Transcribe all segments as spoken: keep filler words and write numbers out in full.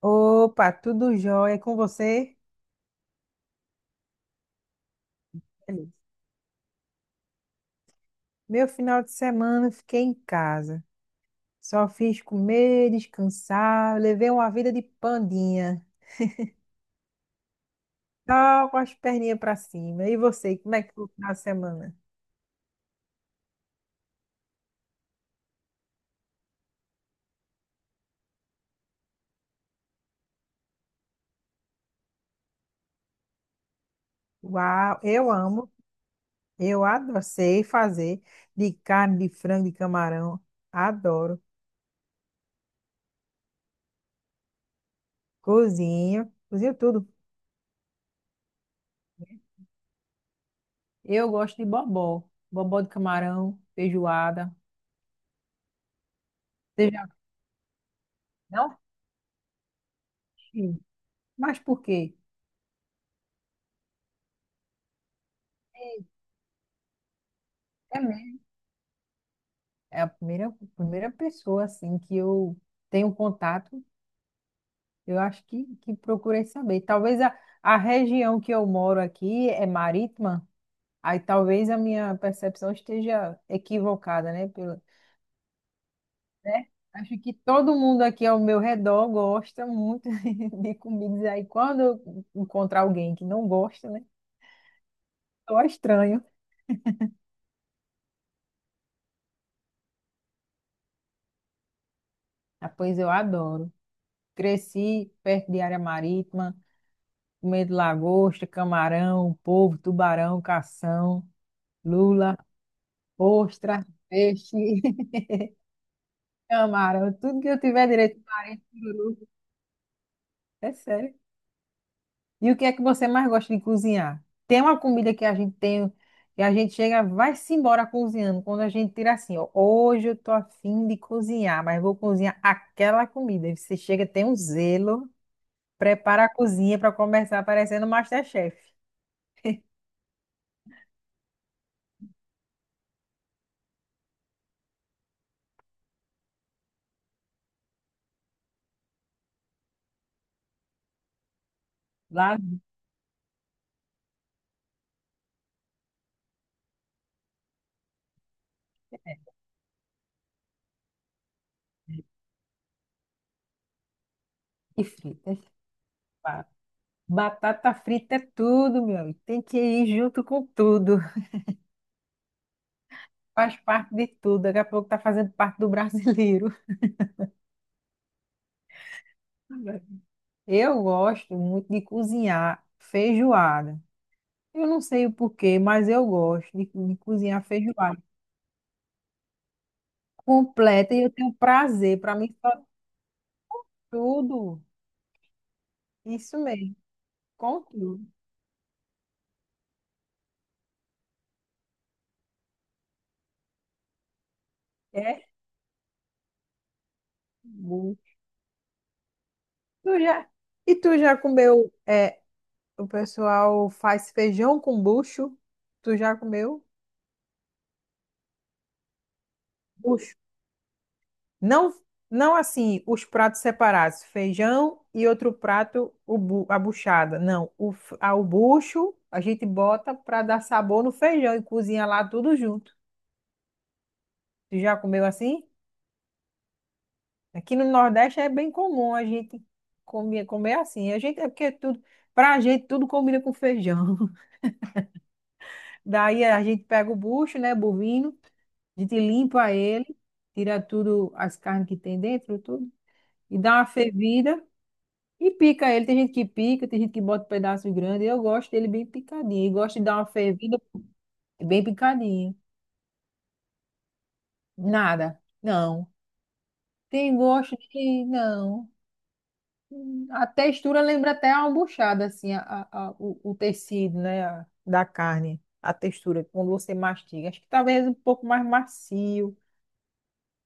Opa, tudo jóia com você? Beleza. Meu final de semana eu fiquei em casa. Só fiz comer, descansar, levei uma vida de pandinha. Só com as perninhas pra cima. E você, como é que foi o final de semana? Uau, eu amo. Eu adoro, sei fazer de carne, de frango, de camarão. Adoro. Cozinho, cozinho tudo. Eu gosto de bobó. Bobó de camarão, feijoada. Você já... Não? Sim. Mas por quê? É mesmo? É a primeira, primeira pessoa assim que eu tenho contato, eu acho que, que procurei saber. Talvez a, a região que eu moro aqui é marítima, aí talvez a minha percepção esteja equivocada, né? Pelo, né? Acho que todo mundo aqui ao meu redor gosta muito de comidas. Aí quando eu encontrar alguém que não gosta, né? Só estranho. Ah, pois eu adoro. Cresci perto de área marítima. Comendo lagosta, camarão, polvo, tubarão, cação, lula, ostra, peixe, camarão, tudo que eu tiver direito, parente, sururu. É sério. E o que é que você mais gosta de cozinhar? Tem uma comida que a gente tem, que a gente chega, vai-se embora cozinhando, quando a gente tira assim, ó, hoje eu tô afim de cozinhar, mas vou cozinhar aquela comida. E você chega, tem um zelo, prepara a cozinha para começar parecendo MasterChef. Lá e fritas. Batata frita é tudo, meu amigo. Tem que ir junto com tudo. Faz parte de tudo. Daqui a pouco tá fazendo parte do brasileiro. Eu gosto muito de cozinhar feijoada. Eu não sei o porquê, mas eu gosto de, de cozinhar feijoada completa e eu tenho prazer. Para mim, tá tudo. Isso mesmo, com tudo. É bom. Tu já... E tu já comeu? É, o pessoal faz feijão com bucho? Tu já comeu? Bucho. Não, não assim, os pratos separados, feijão e outro prato, o bu- a buchada. Não, o, f- a- o bucho a gente bota para dar sabor no feijão e cozinha lá tudo junto. Tu já comeu assim? Aqui no Nordeste é bem comum a gente comer, comer assim. A gente é porque tudo, pra gente tudo combina com feijão. Daí a gente pega o bucho, né, bovino, a gente limpa ele, tira tudo as carnes que tem dentro, tudo e dá uma fervida. E pica ele, tem gente que pica, tem gente que bota pedaço grande. Eu gosto dele bem picadinho. Eu gosto de dar uma fervida bem picadinho. Nada. Não. Tem gosto de. Não. A textura lembra até a albuchada, assim, a, a- a- o, o tecido, né? a- da carne. A textura, quando você mastiga. Acho que talvez um pouco mais macio.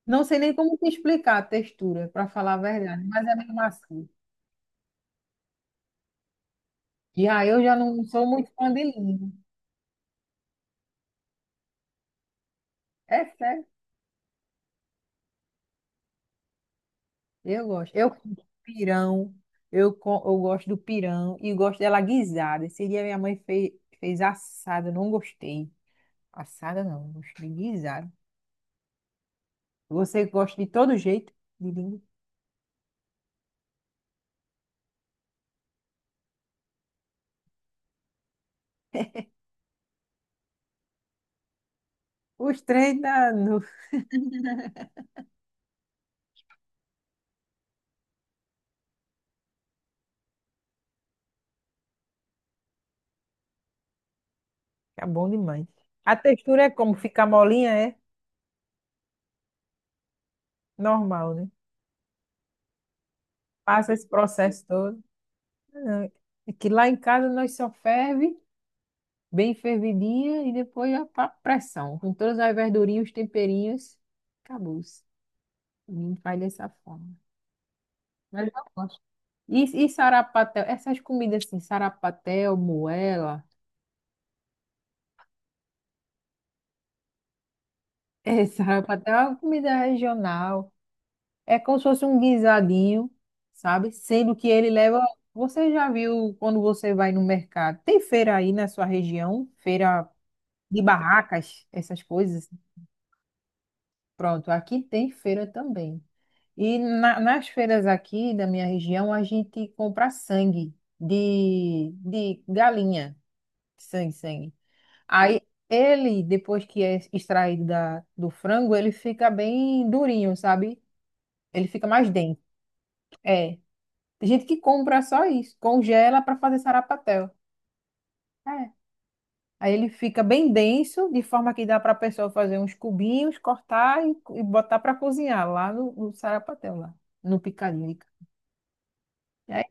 Não sei nem como te explicar a textura, para falar a verdade, mas é bem macio. Já eu já não sou muito fã de língua. É sério. Eu gosto. Eu como pirão. Eu, co- eu gosto do pirão e gosto dela guisada. Esse dia minha mãe fez, fez assada, eu não gostei. Assada não, gostei guisada. Você gosta de todo jeito de língua? Os três da no... Fica bom demais. A textura é como fica molinha, é normal, né? Passa esse processo todo. Ah, é que lá em casa nós só ferve bem fervidinha e depois a pressão. Com todas as verdurinhas, os temperinhos, acabou. Hum, Faz dessa forma. Mas eu gosto. E, e sarapatel? Essas comidas assim, sarapatel, moela. É, sarapatel é uma comida regional. É como se fosse um guisadinho, sabe? Sendo que ele leva. Você já viu quando você vai no mercado? Tem feira aí na sua região? Feira de barracas, essas coisas. Pronto, aqui tem feira também. E na- nas feiras aqui da minha região, a gente compra sangue de, de galinha. Sim, sim. Aí ele, depois que é extraído da, do frango, ele fica bem durinho, sabe? Ele fica mais denso. É. Tem gente que compra só isso, congela para fazer sarapatel. É. Aí ele fica bem denso, de forma que dá para a pessoa fazer uns cubinhos, cortar e, e botar para cozinhar lá no, no sarapatel, lá no picadinho. É,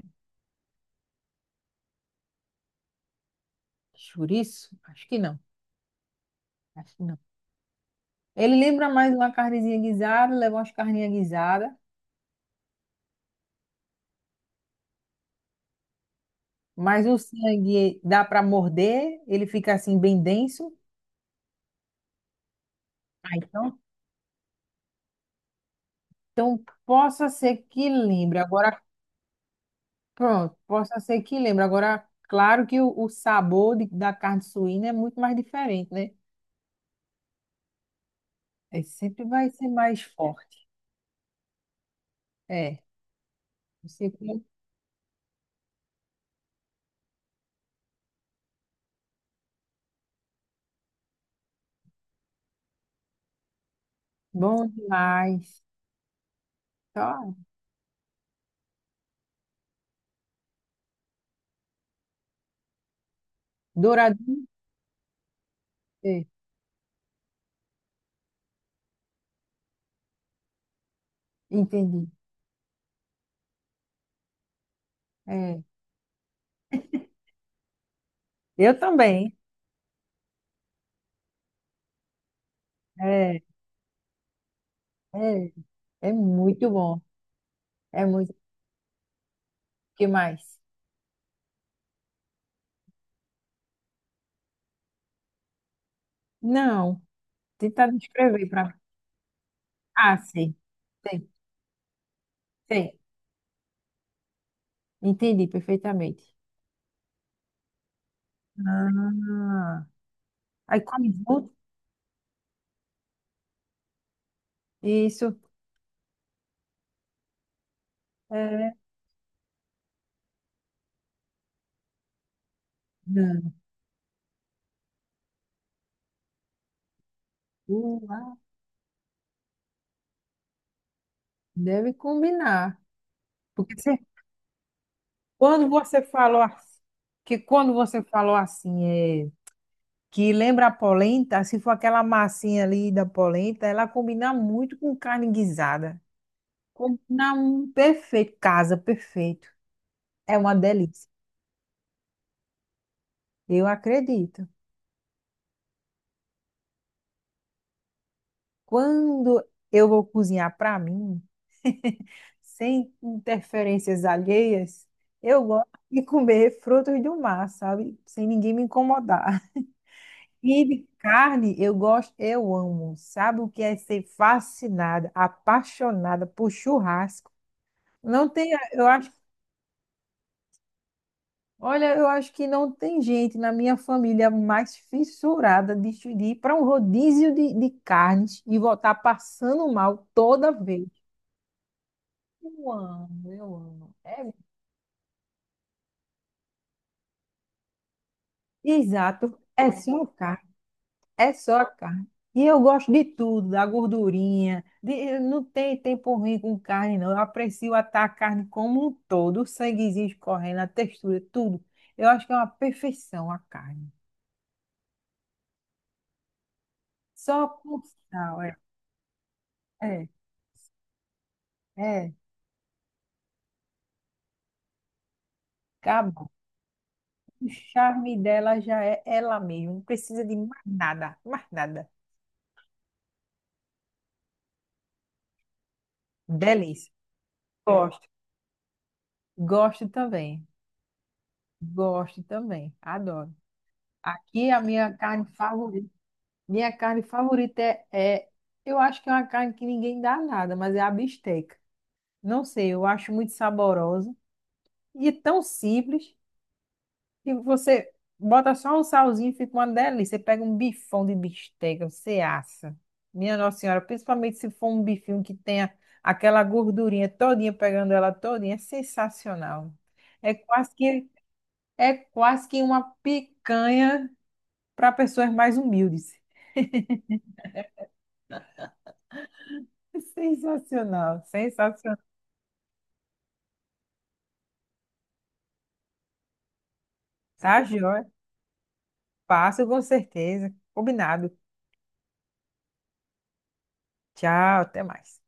chouriço? Acho que não. Acho que não. Ele lembra mais uma carnezinha guisada, leva umas carninhas guisadas. Mas o sangue dá para morder, ele fica assim bem denso. Ah, então, então possa ser que lembre. Agora, pronto, possa ser que lembre. Agora, claro que o, o sabor de- da carne suína é muito mais diferente, né? É, sempre vai ser mais forte. É, você come bom demais. Só douradinho. É, entendi. É, eu também. É, é, é muito bom. É muito. O que mais? Não, tentar descrever para Ah, sei, sei, sei. Entendi perfeitamente. Ah, aí come junto? Isso. É, não. Uau, deve combinar. Porque você- quando você falou assim, que quando você falou assim, é, que lembra a polenta, se for aquela massinha ali da polenta, ela combina muito com carne guisada. Combina um perfeito, casa perfeito. É uma delícia. Eu acredito. Quando eu vou cozinhar para mim, sem interferências alheias, eu gosto de comer frutos do mar, sabe? Sem ninguém me incomodar. E de carne, eu gosto, eu amo. Sabe o que é ser fascinada, apaixonada por churrasco? Não tem, eu acho, olha, eu acho que não tem gente na minha família mais fissurada de, chu- de ir para um rodízio de, de carnes e voltar passando mal toda vez. Eu amo, eu amo. É, exato, é só a carne, é só a carne. E eu gosto de tudo, da gordurinha. De- não tem tempo ruim com carne, não. Eu aprecio atar a carne como um todo, o sanguezinho escorrendo, a textura, tudo. Eu acho que é uma perfeição a carne. Só com sal, é. É, é. Acabou. O charme dela já é ela mesma. Não precisa de mais nada, mais nada. Delícia. Gosto. Gosto também. Gosto também. Adoro. Aqui a minha carne favorita, minha carne favorita é, é- eu acho que é uma carne que ninguém dá nada, mas é a bisteca. Não sei, eu acho muito saborosa e é tão simples que você bota só um salzinho e fica uma delícia. Você pega um bifão de bisteca, você assa. Minha Nossa Senhora, principalmente se for um bifinho que tenha aquela gordurinha todinha, pegando ela todinha, é sensacional. É quase que, é quase que uma picanha para pessoas mais humildes. Sensacional, sensacional. Tá, joia? Passo com certeza. Combinado. Tchau, até mais.